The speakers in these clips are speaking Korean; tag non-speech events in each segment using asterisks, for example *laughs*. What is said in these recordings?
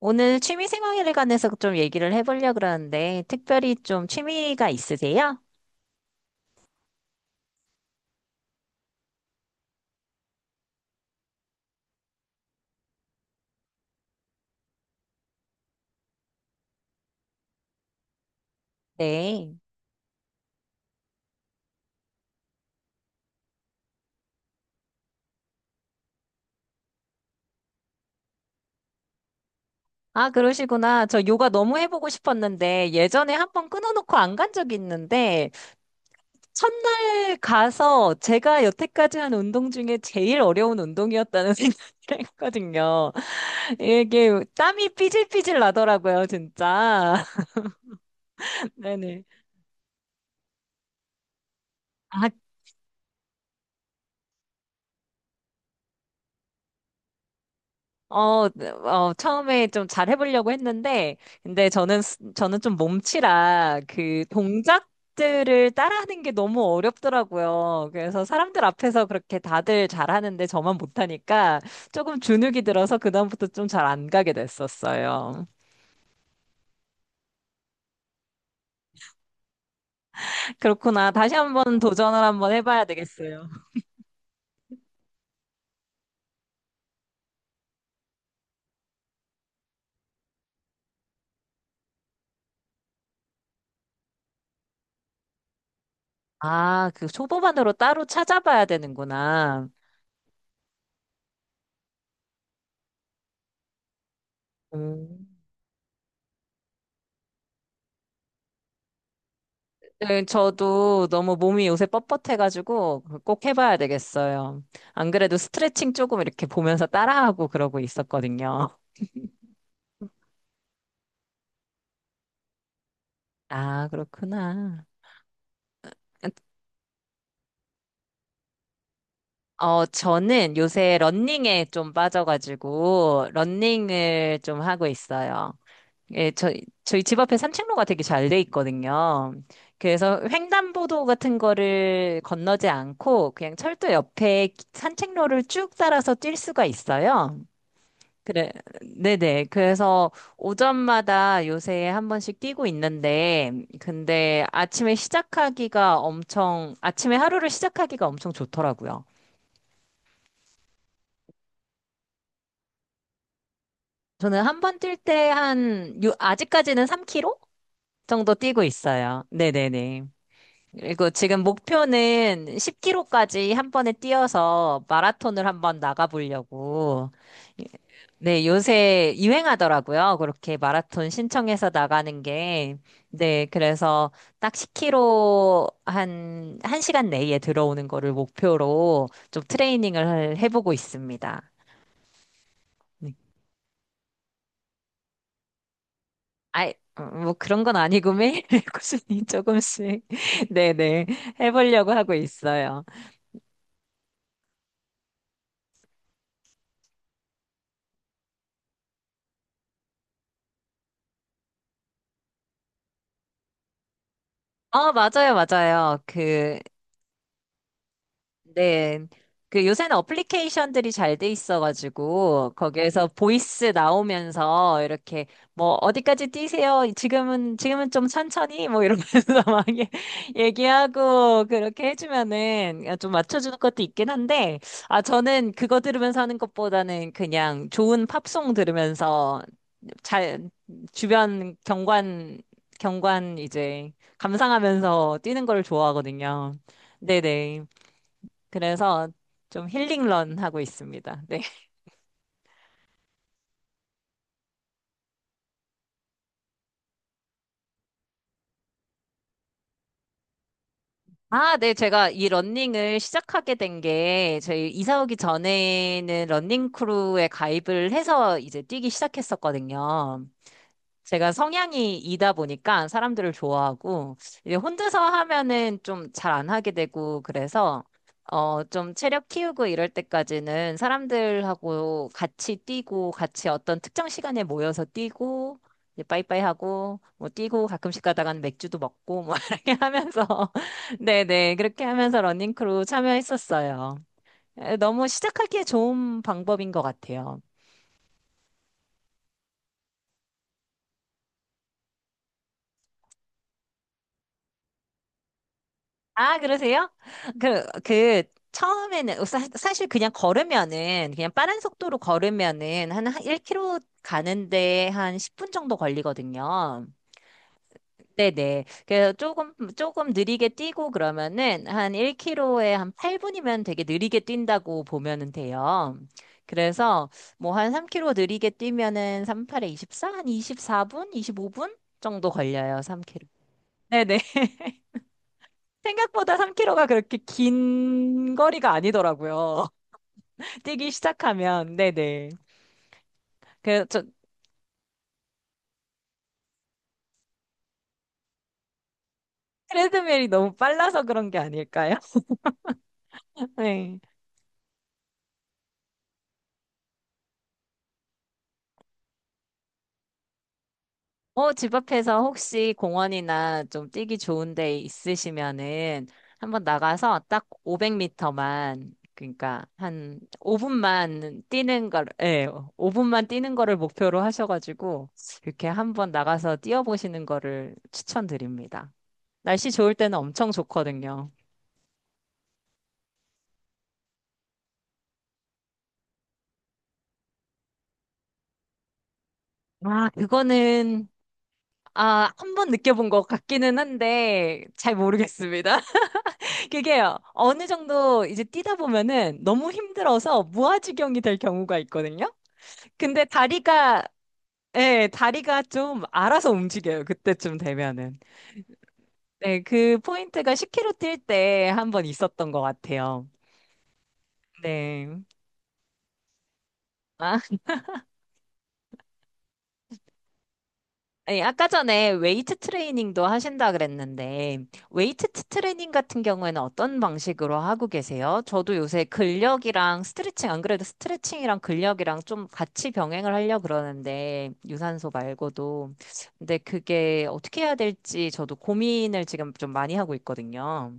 오늘 취미 생활에 관해서 좀 얘기를 해보려고 그러는데, 특별히 좀 취미가 있으세요? 네. 아, 그러시구나. 저 요가 너무 해보고 싶었는데, 예전에 한번 끊어놓고 안 간 적이 있는데, 첫날 가서 제가 여태까지 한 운동 중에 제일 어려운 운동이었다는 *laughs* 생각을 했거든요. 이게 땀이 삐질삐질 나더라고요, 진짜. *laughs* 네네. 아, 네, 처음에 좀 잘 해보려고 했는데, 근데 저는 좀 몸치라 그 동작들을 따라하는 게 너무 어렵더라고요. 그래서 사람들 앞에서 그렇게 다들 잘하는데 저만 못하니까 조금 주눅이 들어서 그다음부터 좀 잘 안 가게 됐었어요. 그렇구나. 다시 한번 도전을 한번 해봐야 되겠어요. 아, 그 초보반으로 따로 찾아봐야 되는구나. 음. 네, 저도 너무 몸이 요새 뻣뻣해가지고 꼭 해봐야 되겠어요. 안 그래도 스트레칭 조금 이렇게 보면서 따라하고 그러고 있었거든요. 아, 그렇구나. 저는 요새 러닝에 좀 빠져가지고 러닝을 좀 하고 있어요. 예, 저희 집 앞에 산책로가 되게 잘 돼 있거든요. 그래서 횡단보도 같은 거를 건너지 않고 그냥 철도 옆에 산책로를 쭉 따라서 뛸 수가 있어요. 그래, 네네. 그래서 오전마다 요새 한 번씩 뛰고 있는데, 근데 아침에 시작하기가 엄청, 아침에 하루를 시작하기가 엄청 좋더라고요. 저는 한 번 뛸 때 한, 아직까지는 3km 정도 뛰고 있어요. 네네네. 그리고 지금 목표는 10km까지 한 번에 뛰어서 마라톤을 한번 나가보려고. 네, 요새 유행하더라고요. 그렇게 마라톤 신청해서 나가는 게. 네, 그래서 딱 10km 한, 1시간 내에 들어오는 거를 목표로 좀 트레이닝을 해보고 있습니다. 네. 아이, 뭐 그런 건 아니고 매일 *laughs* 꾸준히 조금씩, *laughs* 네네, 해보려고 하고 있어요. 맞아요, 맞아요. 네. 그 요새는 어플리케이션들이 잘 돼 있어가지고 거기에서 보이스 나오면서 이렇게 뭐 어디까지 뛰세요? 지금은 좀 천천히 뭐 이러면서 *laughs* 막 얘기하고 그렇게 해주면은 좀 맞춰주는 것도 있긴 한데 아, 저는 그거 들으면서 하는 것보다는 그냥 좋은 팝송 들으면서 잘 주변 경관 이제 감상하면서 뛰는 걸 좋아하거든요. 네네. 그래서 좀 힐링런 하고 있습니다. 네. 아, 네. 제가 이 러닝을 시작하게 된 게 저희 이사 오기 전에는 러닝 크루에 가입을 해서 이제 뛰기 시작했었거든요. 제가 성향이 이다 보니까 사람들을 좋아하고, 이제 혼자서 하면은 좀 잘 안 하게 되고, 그래서, 좀 체력 키우고 이럴 때까지는 사람들하고 같이 뛰고, 같이 어떤 특정 시간에 모여서 뛰고, 이제 빠이빠이 하고, 뭐 뛰고 가끔씩 가다가는 맥주도 먹고, 뭐 *laughs* 이렇게 하면서, *laughs* 네네, 그렇게 하면서 러닝크루 참여했었어요. 에, 너무 시작하기에 좋은 방법인 것 같아요. 아, 그러세요? 그, 그, 처음에는, 사실 그냥 걸으면은, 그냥 빠른 속도로 걸으면은, 한 1km 가는데 한 10분 정도 걸리거든요. 네네. 그래서 조금 느리게 뛰고 그러면은, 한 1km에 한 8분이면 되게 느리게 뛴다고 보면은 돼요. 그래서, 뭐 한 3km 느리게 뛰면은, 38에 24? 한 24분? 25분? 정도 걸려요, 3km. 네네. 생각보다 3km가 그렇게 긴 거리가 아니더라고요. *laughs* 뛰기 시작하면, 네네. 그래서 트레드밀이 너무 빨라서 그런 게 아닐까요? *laughs* 네. 집 앞에서 혹시 공원이나 좀 뛰기 좋은 데 있으시면은 한번 나가서 딱 500m만, 그러니까 한 5분만 뛰는 걸, 예, 5분만 뛰는 거를 목표로 하셔가지고 이렇게 한번 나가서 뛰어보시는 거를 추천드립니다. 날씨 좋을 때는 엄청 좋거든요. 아, 그거는, 아, 한 번 느껴본 것 같기는 한데, 잘 모르겠습니다. *laughs* 그게요, 어느 정도 이제 뛰다 보면은 너무 힘들어서 무아지경이 될 경우가 있거든요? 근데 다리가, 예, 다리가 좀 알아서 움직여요. 그때쯤 되면은. 네, 그 포인트가 10km 뛸 때 한 번 있었던 것 같아요. 네. 아, 아니, 아까 전에 웨이트 트레이닝도 하신다 그랬는데, 웨이트 트레이닝 같은 경우에는 어떤 방식으로 하고 계세요? 저도 요새 근력이랑 스트레칭, 안 그래도 스트레칭이랑 근력이랑 좀 같이 병행을 하려고 그러는데, 유산소 말고도. 근데 그게 어떻게 해야 될지 저도 고민을 지금 좀 많이 하고 있거든요.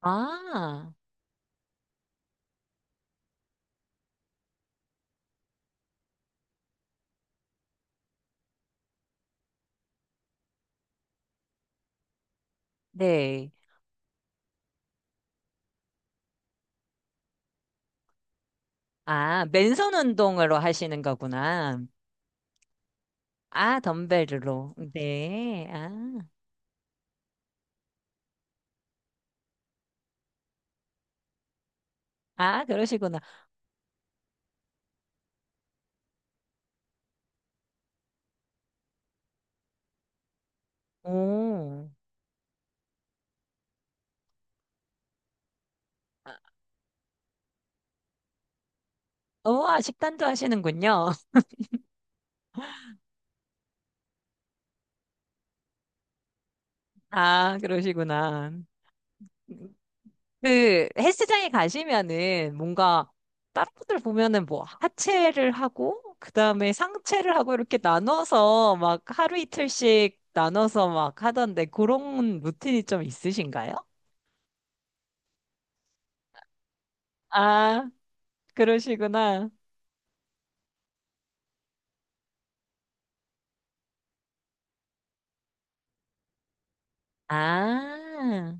아, 네. 아, 맨손 운동으로 하시는 거구나. 아, 덤벨로. 네. 아, 아, 그러시구나. 오. 우와, 식단도 하시는군요. *laughs* 아, 그러시구나. 그 헬스장에 가시면은 뭔가 다른 분들 보면은 뭐 하체를 하고 그다음에 상체를 하고 이렇게 나눠서 막 하루 이틀씩 나눠서 막 하던데 그런 루틴이 좀 있으신가요? 아, 그러시구나. 아,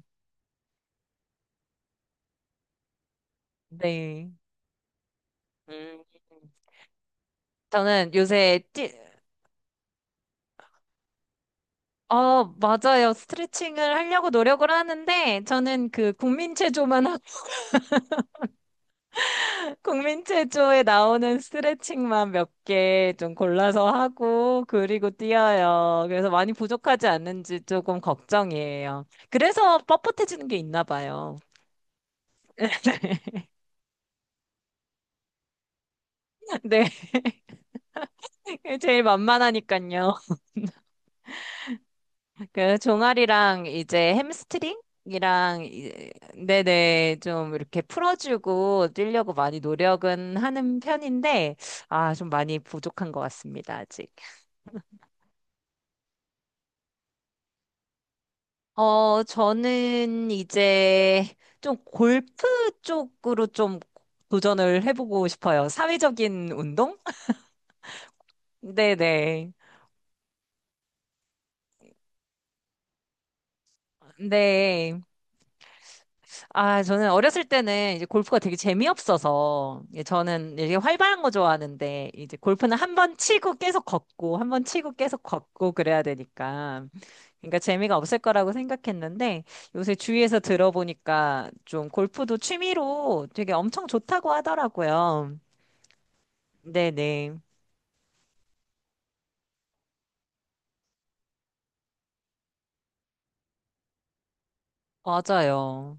네. 음, 저는 요새 맞아요. 스트레칭을 하려고 노력을 하는데, 저는 그 국민체조만, *laughs* 국민체조에 나오는 스트레칭만 몇 개 좀 골라서 하고, 그리고 뛰어요. 그래서 많이 부족하지 않는지 조금 걱정이에요. 그래서 뻣뻣해지는 게 있나 봐요. *laughs* 네, 제일 만만하니까요. 그 종아리랑 이제 햄스트링이랑 네네 좀 이렇게 풀어주고 뛰려고 많이 노력은 하는 편인데 아, 좀 많이 부족한 것 같습니다 아직. 저는 이제 좀 골프 쪽으로 좀 도전을 해보고 싶어요. 사회적인 운동? 네네. 네. 아, 저는 어렸을 때는 이제 골프가 되게 재미없어서, 예, 저는 이렇게 활발한 거 좋아하는데, 이제 골프는 한 번 치고 계속 걷고, 한 번 치고 계속 걷고 그래야 되니까, 그러니까 재미가 없을 거라고 생각했는데, 요새 주위에서 들어보니까 좀 골프도 취미로 되게 엄청 좋다고 하더라고요. 네네. 맞아요.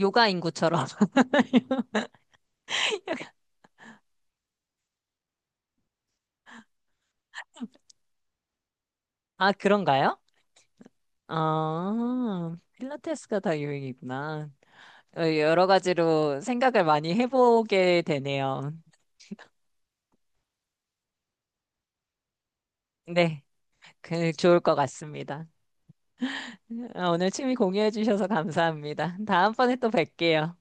요가 인구처럼. *laughs* 아, 그런가요? 아, 필라테스가 다 유행이구나. 여러 가지로 생각을 많이 해보게 되네요. 네, 그 좋을 것 같습니다. 오늘 취미 공유해 주셔서 감사합니다. 다음번에 또 뵐게요.